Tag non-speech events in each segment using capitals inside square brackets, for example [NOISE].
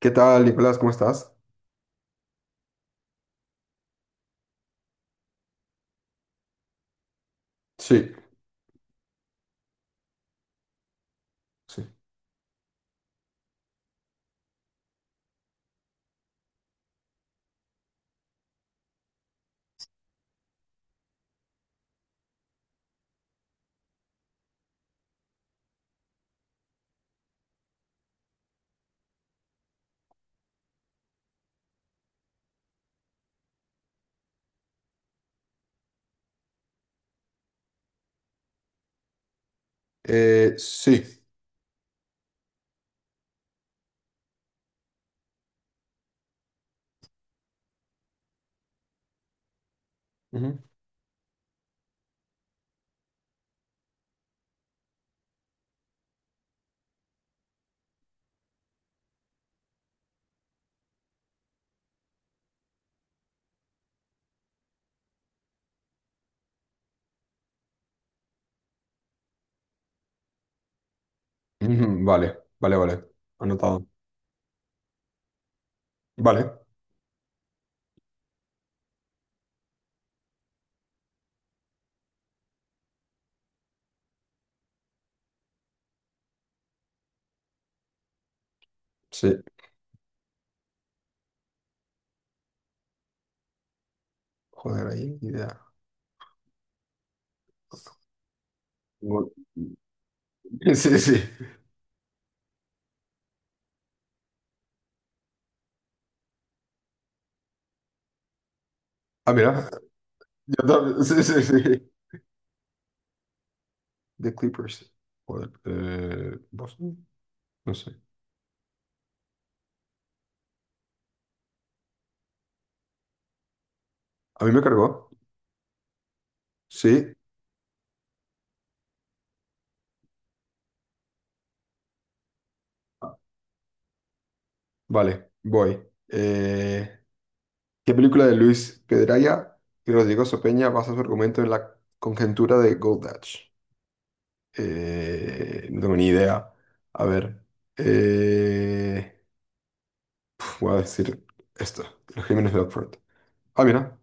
¿Qué tal, Nicolás? ¿Cómo estás? Sí, sí. Sí. Ujú. Ujú, vale, vale, vale. Anotado. Vale, sí. Joder, ahí, ni idea. Gol. [LAUGHS] Sí, sí. Ah, mira. Yo también. [LAUGHS] Sí, sí, sí. The Clippers. Joder. Boston. No sé. ¿A mí me cargó? Sí. Vale, voy. Eh, ¿Qué película de Luis Pedraya y Rodrigo Sopeña basa su argumento en la conjetura de Goldach? No tengo ni idea. A ver. eh, Voy a decir esto. Los Crímenes de Oxford. Ah, mira.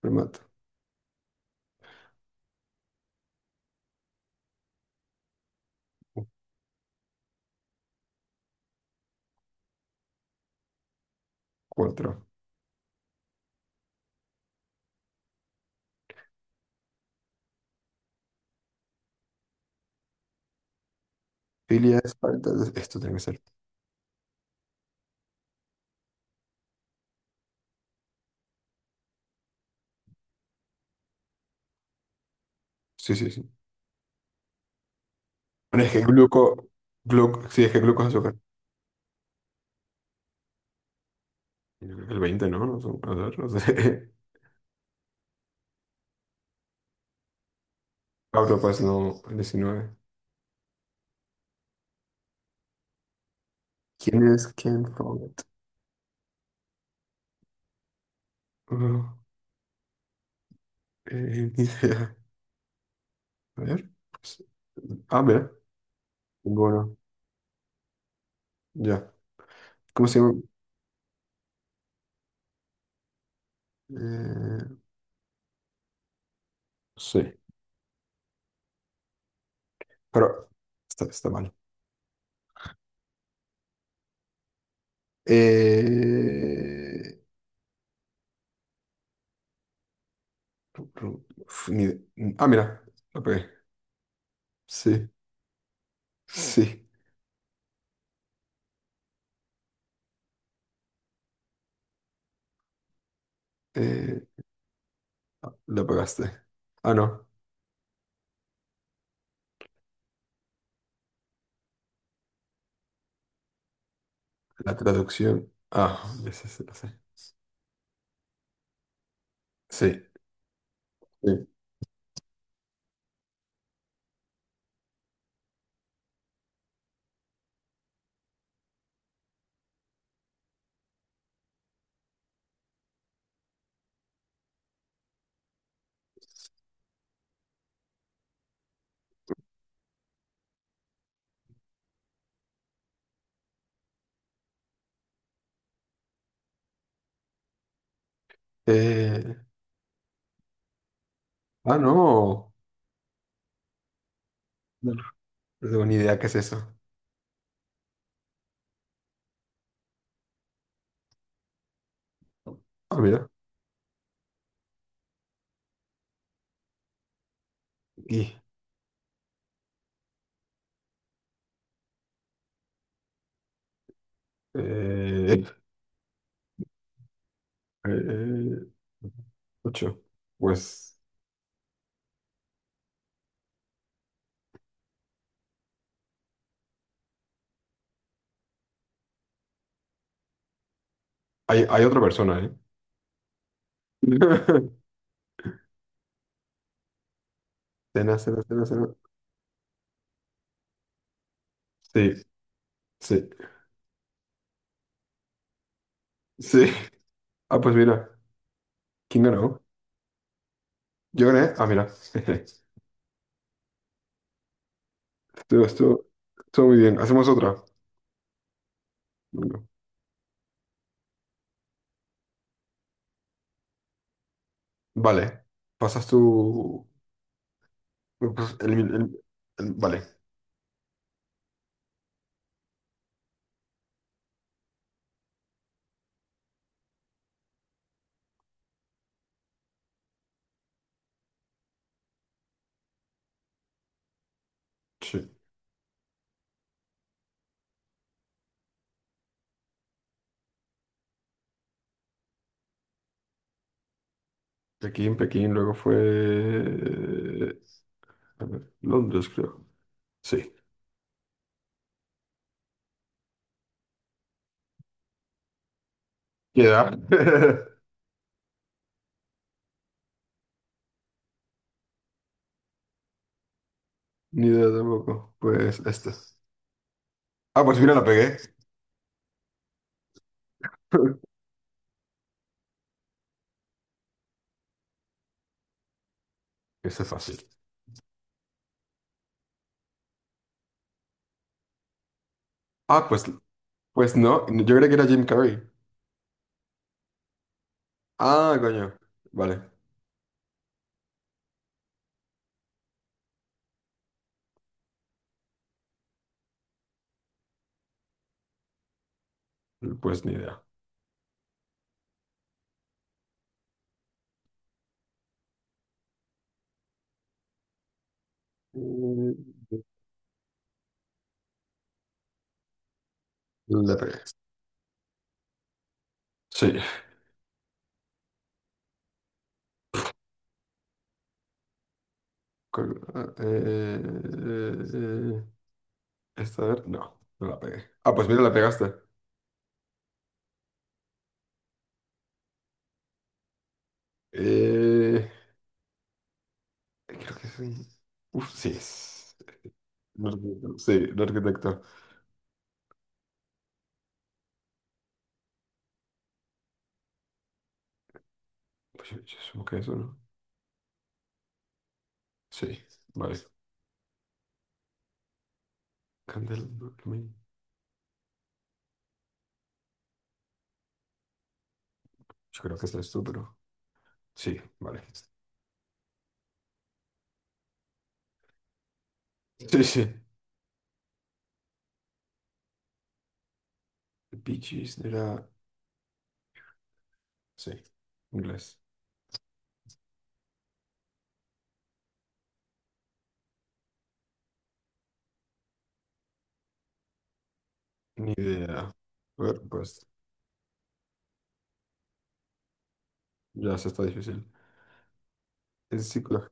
Primato. Cuatro. Filia es. Esto tiene que ser. Sí, sí, sí. Bueno, es que gluco sí, es que gluco es azúcar. Yo creo que el 20, ¿no? No, a ver, no sé. [LAUGHS] Pablo, pues no. El 19. ¿Quién es Ken Follett? Ah, ni idea. A ver. Pues, ah, mira. Bueno, ya. ¿Cómo se llama? Eh, sí. Pero está mal. Eh, uf, ah, mira, la pegué. Sí, sí, eh, la pegaste. Ah, no, la traducción. Ah, ya sé, sí, lo sé. Sí, sí. Eh, ah, no. No no tengo ni idea qué es eso. Ah, mira, aquí. Eh, eh, ocho. Pues hay otra persona, ¿eh? [LAUGHS] Cena, cena, cena, cena. Sí, sí, sí. Ah, pues mira. ¿Quién ganó? Yo gané. Ah, mira. [LAUGHS] Estuvo, estuvo- estuvo muy bien. Hacemos otra. Bueno, vale. Pasas tú. Pues, vale. Sí. Pekín, Pekín, luego fue. A ver, Londres, creo. Sí. ¿Qué edad? [LAUGHS] Ni idea tampoco. Pues esta. Ah, pues mira, la pegué. [LAUGHS] Eso es fácil. Ah, pues no. Yo creía que era Jim Carrey. Ah, coño. Vale. Pues ni idea. [LAUGHS] La pegué. Sí. Ah, esta, a ver, no, no la pegué. Ah, pues mira, la pegaste. Eh, Creo que sí. Uf, sí, es un arquitecto. Sí, un arquitecto. Pues yo supongo que eso, ¿no? Sí, vale. Candel, Dormi. Yo creo que este es tú, pero sí, vale. Sí, sí. Bee Gees era, sí, inglés. Ni idea. A ver, pues ya se está difícil. Es psicología.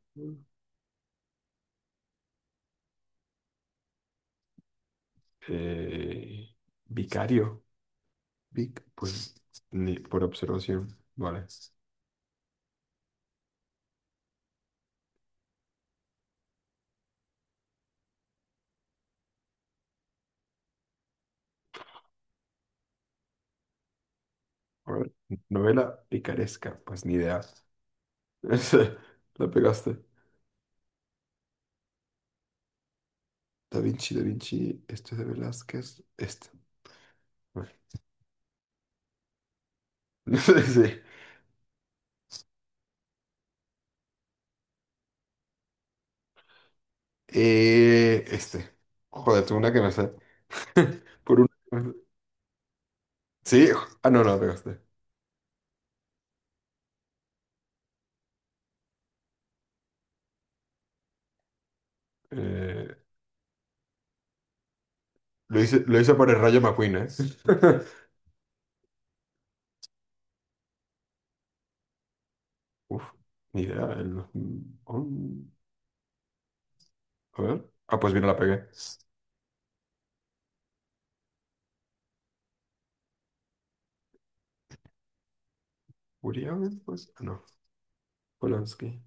Eh, vicario. Pues ni por observación, vale. A ver, novela picaresca, pues ni idea. [LAUGHS] Ese, la pegaste. Da Vinci, Da Vinci, este es de Velázquez, este. Bueno. [LAUGHS] Sí. Este. Joder, tengo una que me sé. [LAUGHS] Por una. Que me sé. Sí, ah, no, no, la pegaste. Eh, lo hice por el Rayo McQueen, ¿eh? [LAUGHS] Uf, ni idea. On- A ver. Ah, pues bien, la pegué. Urián, pues. Ah, no, Polanski.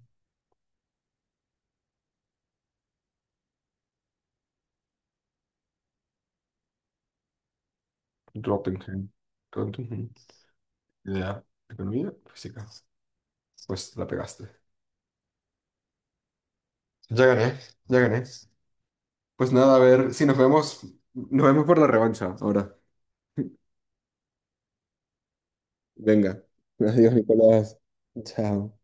Rottenheim. Rottenheim. Ya. Economía, física. Pues sí, claro. Pues la pegaste. Ya gané, ya gané. Pues nada, a ver si nos vemos. Nos vemos por la revancha ahora. Venga. Adiós, Nicolás. Chao.